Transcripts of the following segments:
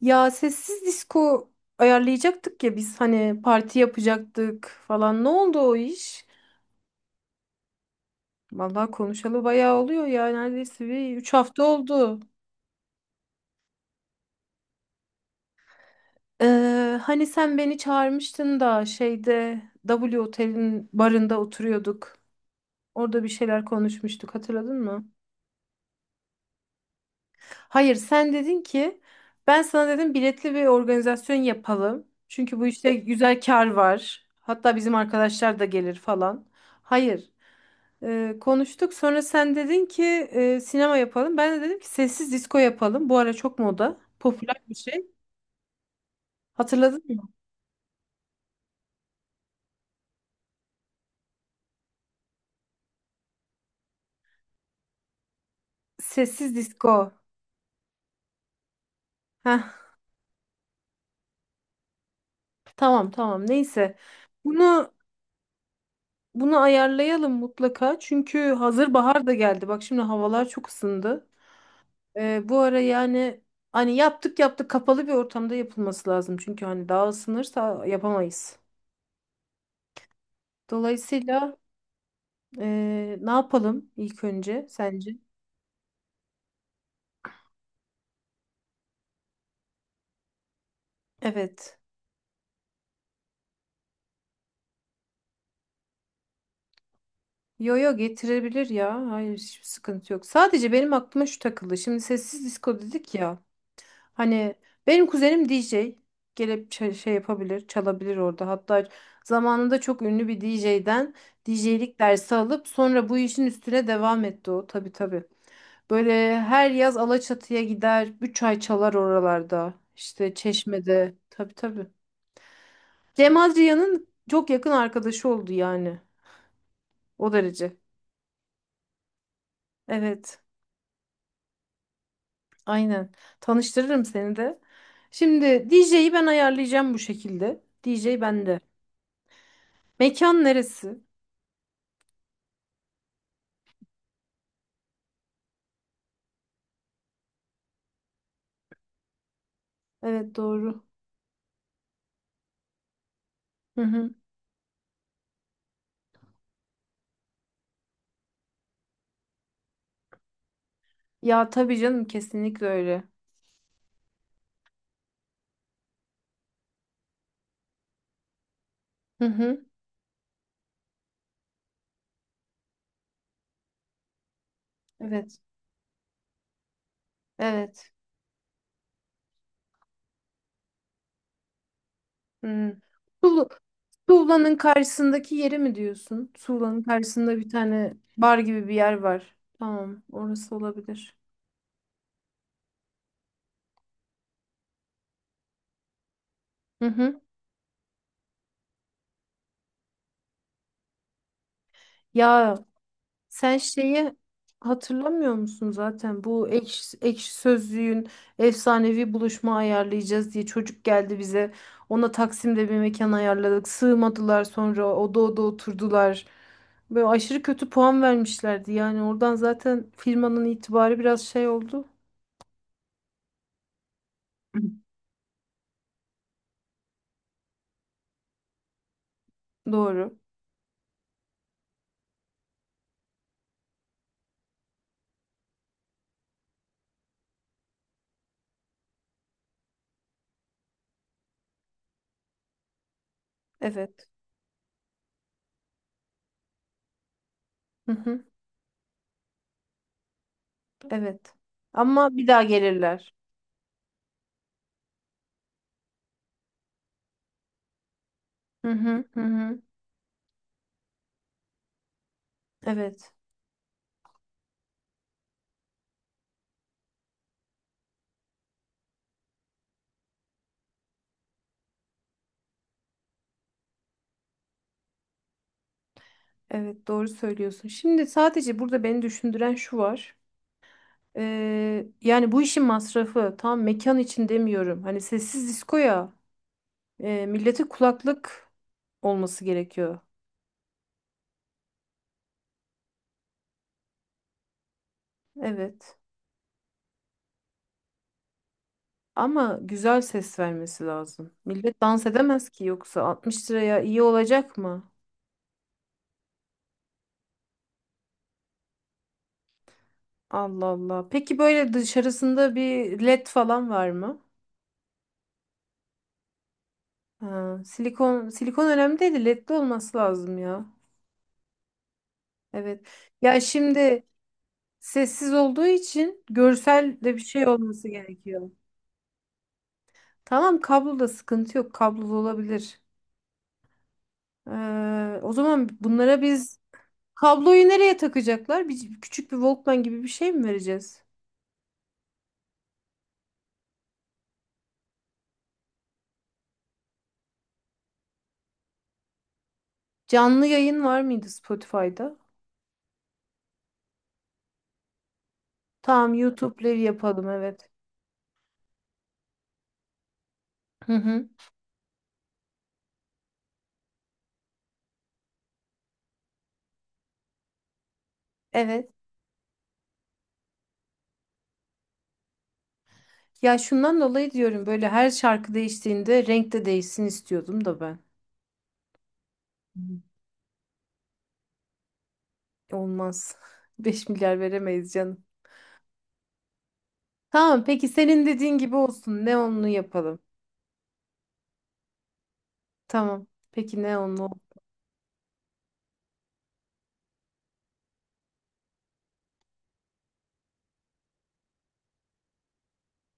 Ya sessiz disco ayarlayacaktık ya biz hani parti yapacaktık falan. Ne oldu o iş? Vallahi konuşalı bayağı oluyor ya neredeyse bir 3 hafta oldu. Hani sen beni çağırmıştın da şeyde W Otel'in barında oturuyorduk. Orada bir şeyler konuşmuştuk, hatırladın mı? Hayır, sen dedin ki ben sana dedim biletli bir organizasyon yapalım. Çünkü bu işte güzel kar var. Hatta bizim arkadaşlar da gelir falan. Hayır. Konuştuk. Sonra sen dedin ki sinema yapalım. Ben de dedim ki sessiz disco yapalım. Bu ara çok moda. Popüler bir şey. Hatırladın mı? Sessiz disco. Heh, tamam tamam. Neyse. Bunu bunu ayarlayalım mutlaka. Çünkü hazır bahar da geldi. Bak şimdi havalar çok ısındı. Bu ara yani hani yaptık yaptık, kapalı bir ortamda yapılması lazım. Çünkü hani daha ısınırsa yapamayız. Dolayısıyla e, ne yapalım ilk önce sence? Evet. Yo yo, getirebilir ya. Hayır, hiçbir sıkıntı yok. Sadece benim aklıma şu takıldı. Şimdi sessiz disco dedik ya. Hani benim kuzenim DJ. Gelip şey yapabilir, çalabilir orada. Hatta zamanında çok ünlü bir DJ'den DJ'lik dersi alıp sonra bu işin üstüne devam etti o. Tabii tabii. Böyle her yaz Alaçatı'ya gider, 3 ay çalar oralarda. İşte Çeşme'de. Tabii tabii. Cem Adrian'ın çok yakın arkadaşı oldu yani. O derece. Evet. Aynen. Tanıştırırım seni de. Şimdi DJ'yi ben ayarlayacağım bu şekilde. DJ bende. Mekan neresi? Evet, doğru. Hı hı. Ya tabii canım, kesinlikle öyle. Hı hı. Evet. Evet. Hı. Tuğla- Tuğla'nın karşısındaki yeri mi diyorsun? Tuğla'nın karşısında bir tane bar gibi bir yer var. Tamam, orası olabilir. Hı hı. Ya sen şeyi hatırlamıyor musun, zaten bu ekşi sözlüğün efsanevi buluşma ayarlayacağız diye çocuk geldi bize. Ona Taksim'de bir mekan ayarladık. Sığmadılar, sonra oda oda oturdular. Böyle aşırı kötü puan vermişlerdi. Yani oradan zaten firmanın itibarı biraz şey oldu. Doğru. Evet. Hı hı. Evet. Ama bir daha gelirler. Hı hı hı. Hı. Evet. Evet, doğru söylüyorsun. Şimdi sadece burada beni düşündüren şu var. Yani bu işin masrafı tam mekan için demiyorum. Hani sessiz disko millete kulaklık olması gerekiyor. Evet. Ama güzel ses vermesi lazım. Millet dans edemez ki yoksa, 60 liraya iyi olacak mı? Allah Allah. Peki böyle dışarısında bir led falan var mı? Ha, silikon silikon önemli değil de ledli olması lazım ya. Evet. Ya şimdi, sessiz olduğu için görsel de bir şey olması gerekiyor. Tamam, kabloda sıkıntı yok. Kablolu olabilir. Ee, o zaman bunlara biz kabloyu nereye takacaklar? Bir, küçük bir Walkman gibi bir şey mi vereceğiz? Canlı yayın var mıydı Spotify'da? Tamam, YouTube Live yapalım, evet. Hı hı. Evet. Ya şundan dolayı diyorum, böyle her şarkı değiştiğinde renk de değişsin istiyordum da ben. Hı. Olmaz. 5 milyar veremeyiz canım. Tamam, peki senin dediğin gibi olsun. Neonlu yapalım. Tamam. Peki, neonlu.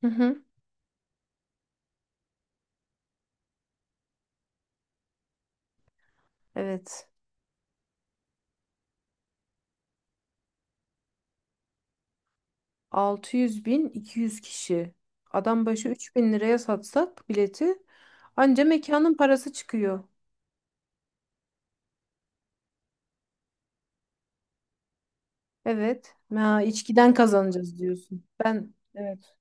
Hı hı. Evet. 600 bin, 200 kişi. Adam başı 3.000 liraya satsak bileti, anca mekanın parası çıkıyor. Evet. Ha, içkiden kazanacağız diyorsun. Ben, evet.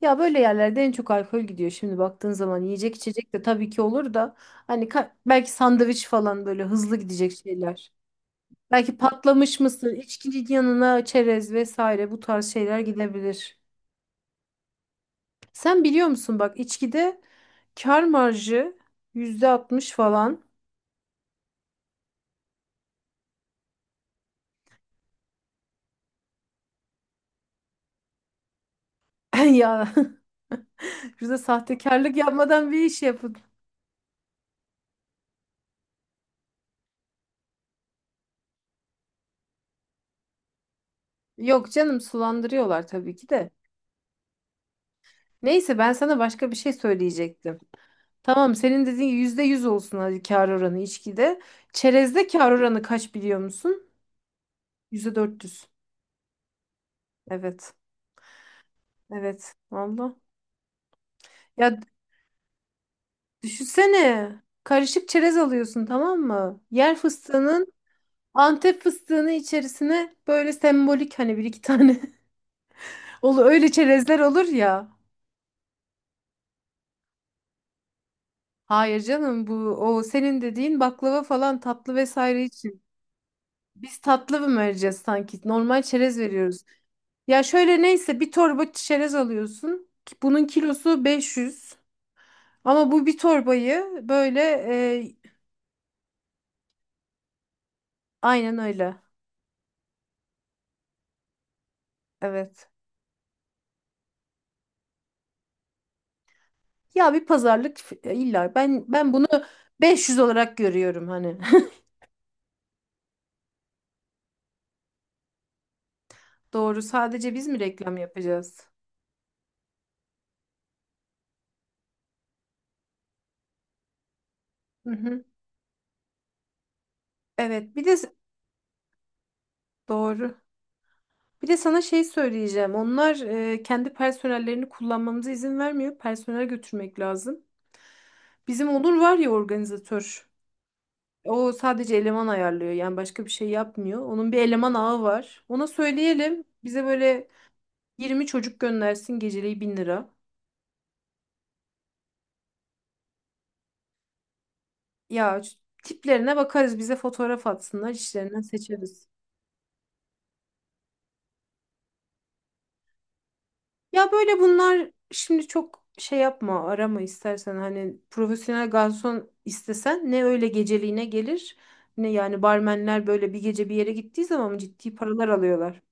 Ya böyle yerlerde en çok alkol gidiyor şimdi baktığın zaman. Yiyecek içecek de tabii ki olur da hani belki sandviç falan, böyle hızlı gidecek şeyler. Belki patlamış mısır, içkinin yanına çerez vesaire, bu tarz şeyler gidebilir. Sen biliyor musun bak, içkide kar marjı %60 falan. Ya, şurada sahtekarlık yapmadan bir iş yapın. Yok canım, sulandırıyorlar tabii ki de. Neyse, ben sana başka bir şey söyleyecektim. Tamam, senin dediğin %100 olsun hadi, kar oranı içkide. Çerezde kar oranı kaç biliyor musun? %400. Evet. Evet. Valla. Ya düşünsene. Karışık çerez alıyorsun, tamam mı? Yer fıstığının, Antep fıstığını içerisine böyle sembolik, hani bir iki tane olur öyle çerezler, olur ya. Hayır canım, bu o senin dediğin baklava falan tatlı vesaire için. Biz tatlı mı vereceğiz sanki? Normal çerez veriyoruz. Ya şöyle, neyse bir torba çerez alıyorsun. Bunun kilosu 500. Ama bu bir torbayı böyle, e, aynen öyle. Evet. Ya bir pazarlık illa ben bunu 500 olarak görüyorum hani. Doğru. Sadece biz mi reklam yapacağız? Hı hı. Evet. Bir de doğru. Bir de sana şey söyleyeceğim. Onlar kendi personellerini kullanmamıza izin vermiyor. Personel götürmek lazım. Bizim Onur var ya, organizatör. O sadece eleman ayarlıyor. Yani başka bir şey yapmıyor. Onun bir eleman ağı var. Ona söyleyelim. Bize böyle 20 çocuk göndersin, geceliği 1000 lira. Ya, tiplerine bakarız. Bize fotoğraf atsınlar, işlerinden seçeriz. Ya böyle bunlar şimdi çok şey yapma, arama istersen hani profesyonel garson istesen ne öyle geceliğine gelir, ne yani barmenler böyle bir gece bir yere gittiği zaman ciddi paralar alıyorlar.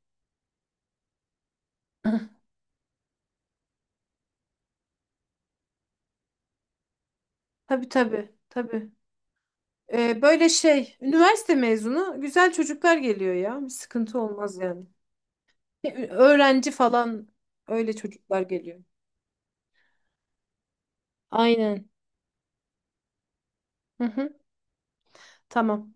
Tabii tabii tabii. Böyle şey, üniversite mezunu güzel çocuklar geliyor ya, bir sıkıntı olmaz yani. Öğrenci falan, öyle çocuklar geliyor. Aynen. Hı hı. Tamam.